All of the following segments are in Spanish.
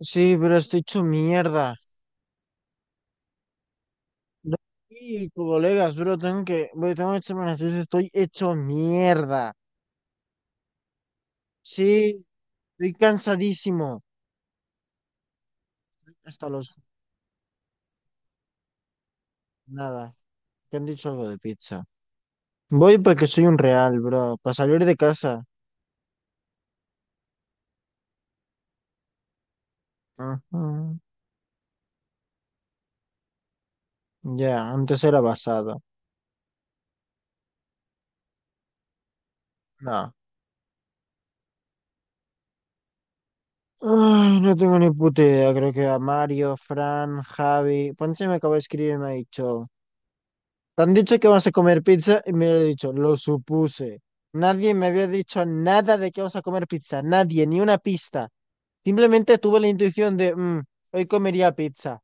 Sí, pero estoy hecho mierda. No. Sí, colegas, bro, tengo que echarme una siesta, estoy hecho mierda. Sí, estoy cansadísimo. Hasta los, nada, Que han dicho algo de pizza. Voy porque soy un real, bro, para salir de casa. Ujú. Ya, antes era basado. No. Ay, no tengo ni puta idea, creo que a Mario, Fran, Javi, Ponce me acaba de escribir y me ha dicho. Te han dicho que vas a comer pizza y me lo he dicho, lo supuse. Nadie me había dicho nada de que vas a comer pizza, nadie, ni una pista. Simplemente tuve la intuición de, "Mm, hoy comería pizza".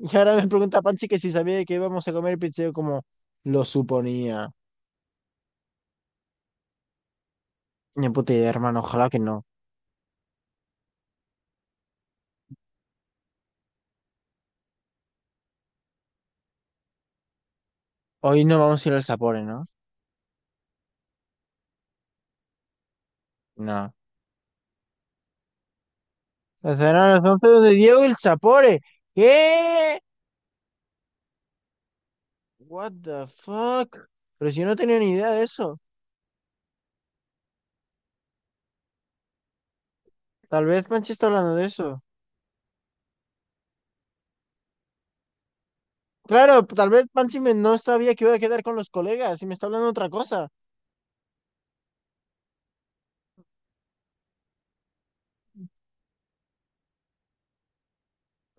Y ahora me pregunta Panchi que si sabía que íbamos a comer pizza, yo como, lo suponía. Ni puta idea, hermano, ojalá que no. Hoy no vamos a ir al Sapore, ¿no? No. La cena a las 11 de Diego y el Sapore. ¿Qué? What the fuck? Pero si yo no tenía ni idea de eso. Tal vez Panchi está hablando de eso. Claro, tal vez Pansy no sabía que iba a quedar con los colegas y me está hablando otra cosa.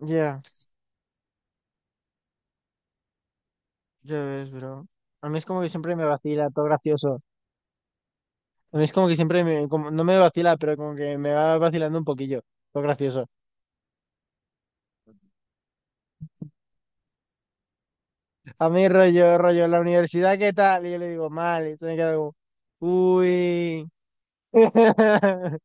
Ya, ya ves, bro. A mí es como que siempre me vacila, todo gracioso. A mí es como que siempre me, como, no me vacila, pero como que me va vacilando un poquillo, todo gracioso. A mí rollo, rollo, la universidad, ¿qué tal? Y yo le digo, mal, y se me queda como, uy.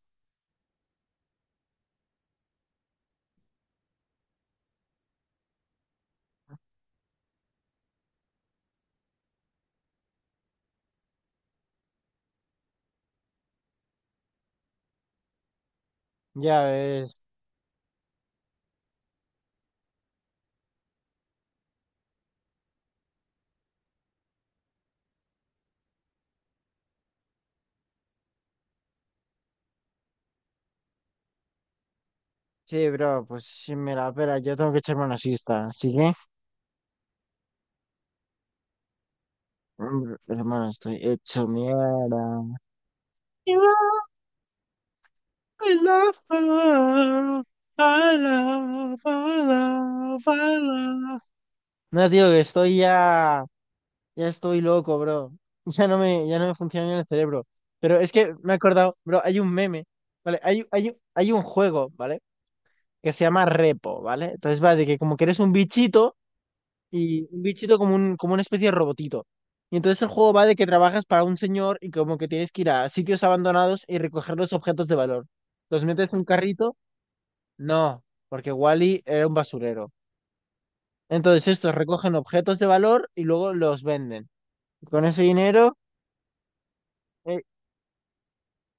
Ya ves. Sí, bro, pues sí me la pela, yo tengo que echar una siesta, ¿sí que? Mm, hermano, estoy hecho mierda. I love, I love, I love. No, tío, que estoy ya, ya estoy loco, bro. Ya no me funciona bien el cerebro. Pero es que me he acordado, bro, hay un meme, ¿vale? Hay un juego, ¿vale? Que se llama Repo, ¿vale? Entonces va de que como que eres un bichito y un bichito como un, como una especie de robotito. Y entonces el juego va de que trabajas para un señor y como que tienes que ir a sitios abandonados y recoger los objetos de valor. Los metes en un carrito, no, porque Wally era un basurero. Entonces estos recogen objetos de valor y luego los venden. Con ese dinero, eh,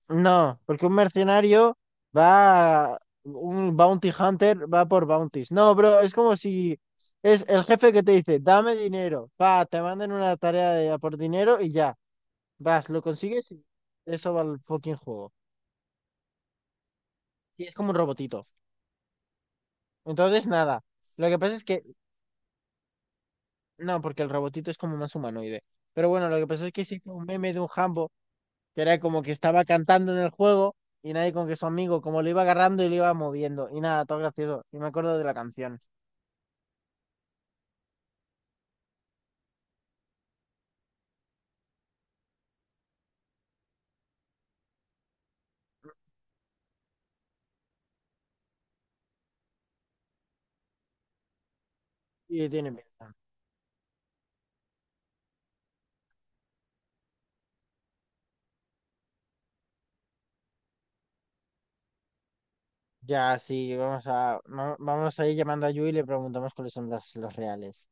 no, porque un mercenario va, un bounty hunter va por bounties. No, bro, es como si es el jefe que te dice, dame dinero, va, te mandan una tarea de, a por dinero y ya, vas, lo consigues y eso va al fucking juego. Y es como un robotito. Entonces, nada, lo que pasa es que... No, porque el robotito es como más humanoide. Pero bueno, lo que pasó es que hice un meme de un Hambo que era como que estaba cantando en el juego y nadie con que su amigo, como lo iba agarrando y lo iba moviendo. Y nada, todo gracioso. Y me acuerdo de la canción. Y tiene pinta. Ya, sí, vamos a ir llamando a Yu y le preguntamos cuáles son las, los reales.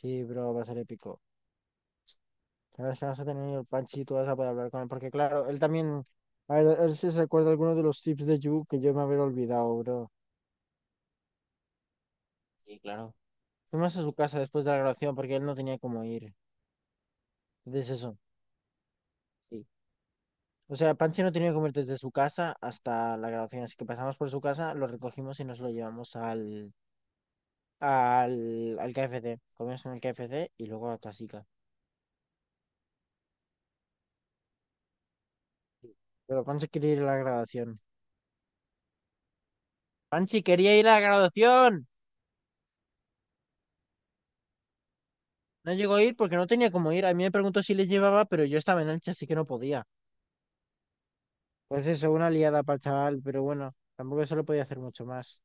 Sí, bro, va a ser épico. La verdad es que vamos a tener el Panchi y tú vas a poder hablar con él. Porque claro, él también, a ver, él sí se acuerda alguno de los tips de Yu que yo me haber olvidado, bro. Sí, claro. Fuimos a su casa después de la grabación porque él no tenía cómo ir. Entonces eso, sí. O sea, Pansy no tenía cómo ir desde su casa hasta la grabación, así que pasamos por su casa, lo recogimos y nos lo llevamos al KFC. Comimos en el KFC y luego a Casica. Sí. Pero Pansy quería ir a la grabación. Pansy quería ir a la grabación. No llegó a ir porque no tenía cómo ir. A mí me preguntó si le llevaba, pero yo estaba en Elche, así que no podía. Pues eso, una liada para el chaval, pero bueno, tampoco se lo podía hacer mucho más.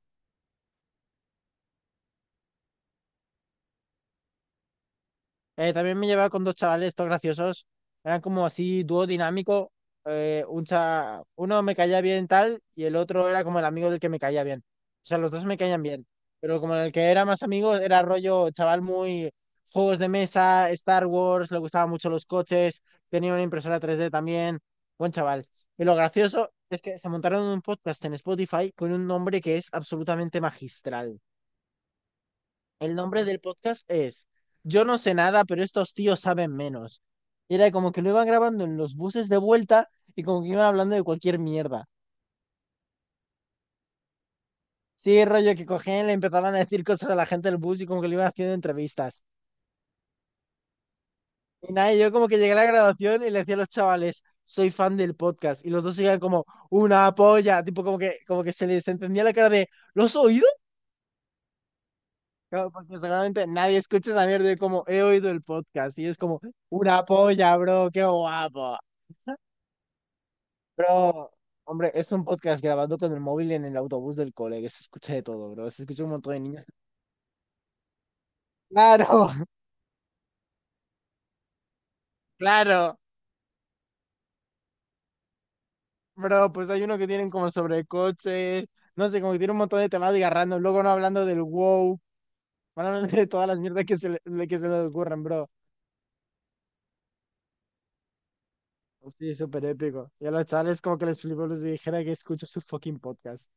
También me llevaba con dos chavales, estos graciosos. Eran como así, dúo dinámico. Uno me caía bien tal y el otro era como el amigo del que me caía bien. O sea, los dos me caían bien. Pero como el que era más amigo era rollo chaval muy juegos de mesa, Star Wars, le gustaban mucho los coches, tenía una impresora 3D también. Buen chaval. Y lo gracioso es que se montaron un podcast en Spotify con un nombre que es absolutamente magistral. El nombre del podcast es "Yo no sé nada, pero estos tíos saben menos". Y era como que lo iban grabando en los buses de vuelta y como que iban hablando de cualquier mierda. Sí, rollo que cogían, le empezaban a decir cosas a la gente del bus y como que le iban haciendo entrevistas. Y nada, y yo como que llegué a la graduación y le decía a los chavales, soy fan del podcast. Y los dos iban como, una polla, tipo como que se les entendía la cara de, ¿lo has oído? Claro, porque seguramente nadie escucha esa mierda de como, he oído el podcast. Y es como, una polla, bro, qué guapo. Pero, hombre, es un podcast grabado con el móvil en el autobús del cole, que se escucha de todo, bro. Se escucha un montón de niños. Claro. Claro, bro, pues hay uno que tienen como sobre coches, no sé, como que tiene un montón de temáticas random, luego no hablando del wow, van hablando de todas las mierdas que que se les ocurren, bro. Sí, súper épico. Y a los chavales como que les flipó, les dijera que escucho su fucking podcast.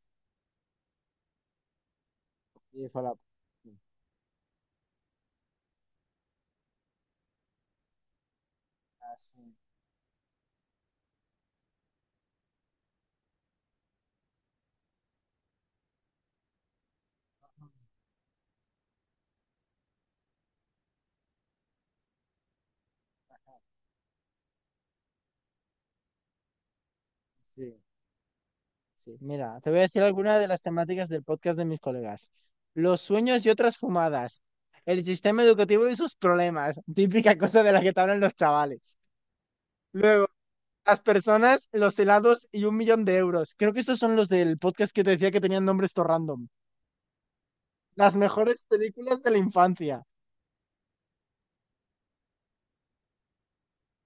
Y fue la... Ah, sí, sí. Sí, mira, te voy a decir algunas de las temáticas del podcast de mis colegas. Los sueños y otras fumadas. El sistema educativo y sus problemas. Típica cosa de la que te hablan los chavales. Luego, las personas, los helados y 1 millón de euros. Creo que estos son los del podcast que te decía que tenían nombres todo random. Las mejores películas de la infancia.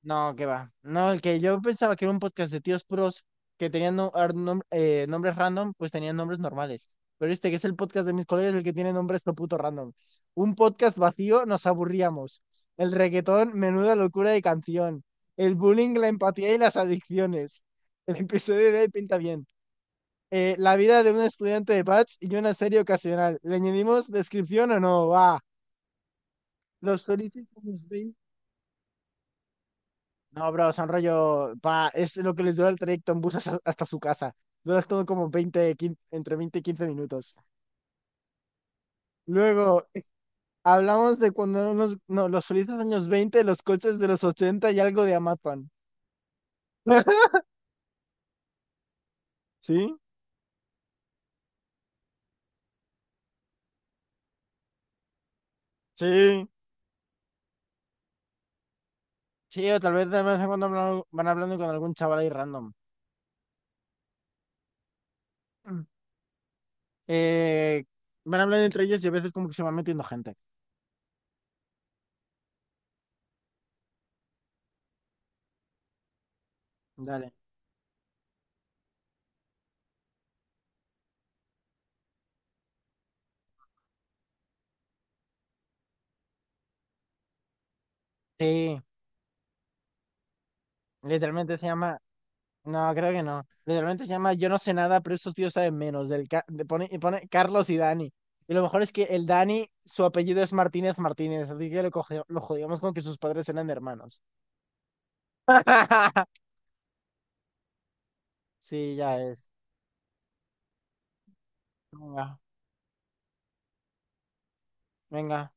No, que va. No, el que yo pensaba que era un podcast de tíos puros que tenían nombres random, pues tenían nombres normales. Pero este que es el podcast de mis colegas, el que tiene nombres todo puto random. Un podcast vacío, nos aburríamos. El reggaetón, menuda locura de canción. El bullying, la empatía y las adicciones. El episodio de hoy pinta bien. La vida de un estudiante de PATS y una serie ocasional. ¿Le añadimos descripción o no? Va. Los felices años... No, bro, son rollo, pa, es lo que les dura el trayecto en bus hasta su casa. Duras todo como 20 15 entre 20 y 15 minutos. Luego, hablamos de cuando unos, no, los felices años 20, los coches de los 80 y algo de Amazon. ¿Sí? Sí. Sí, o tal vez de vez en cuando van hablando con algún chaval ahí random. Eh, van hablando entre ellos y a veces como que se va metiendo gente. Dale. Sí, literalmente se llama... No, creo que no. Literalmente se llama "Yo no sé nada, pero esos tíos saben menos". Pone, y pone Carlos y Dani. Y lo mejor es que el Dani, su apellido es Martínez Martínez, así que lo, lo jodíamos con que sus padres eran hermanos. Sí, ya es. Venga, venga.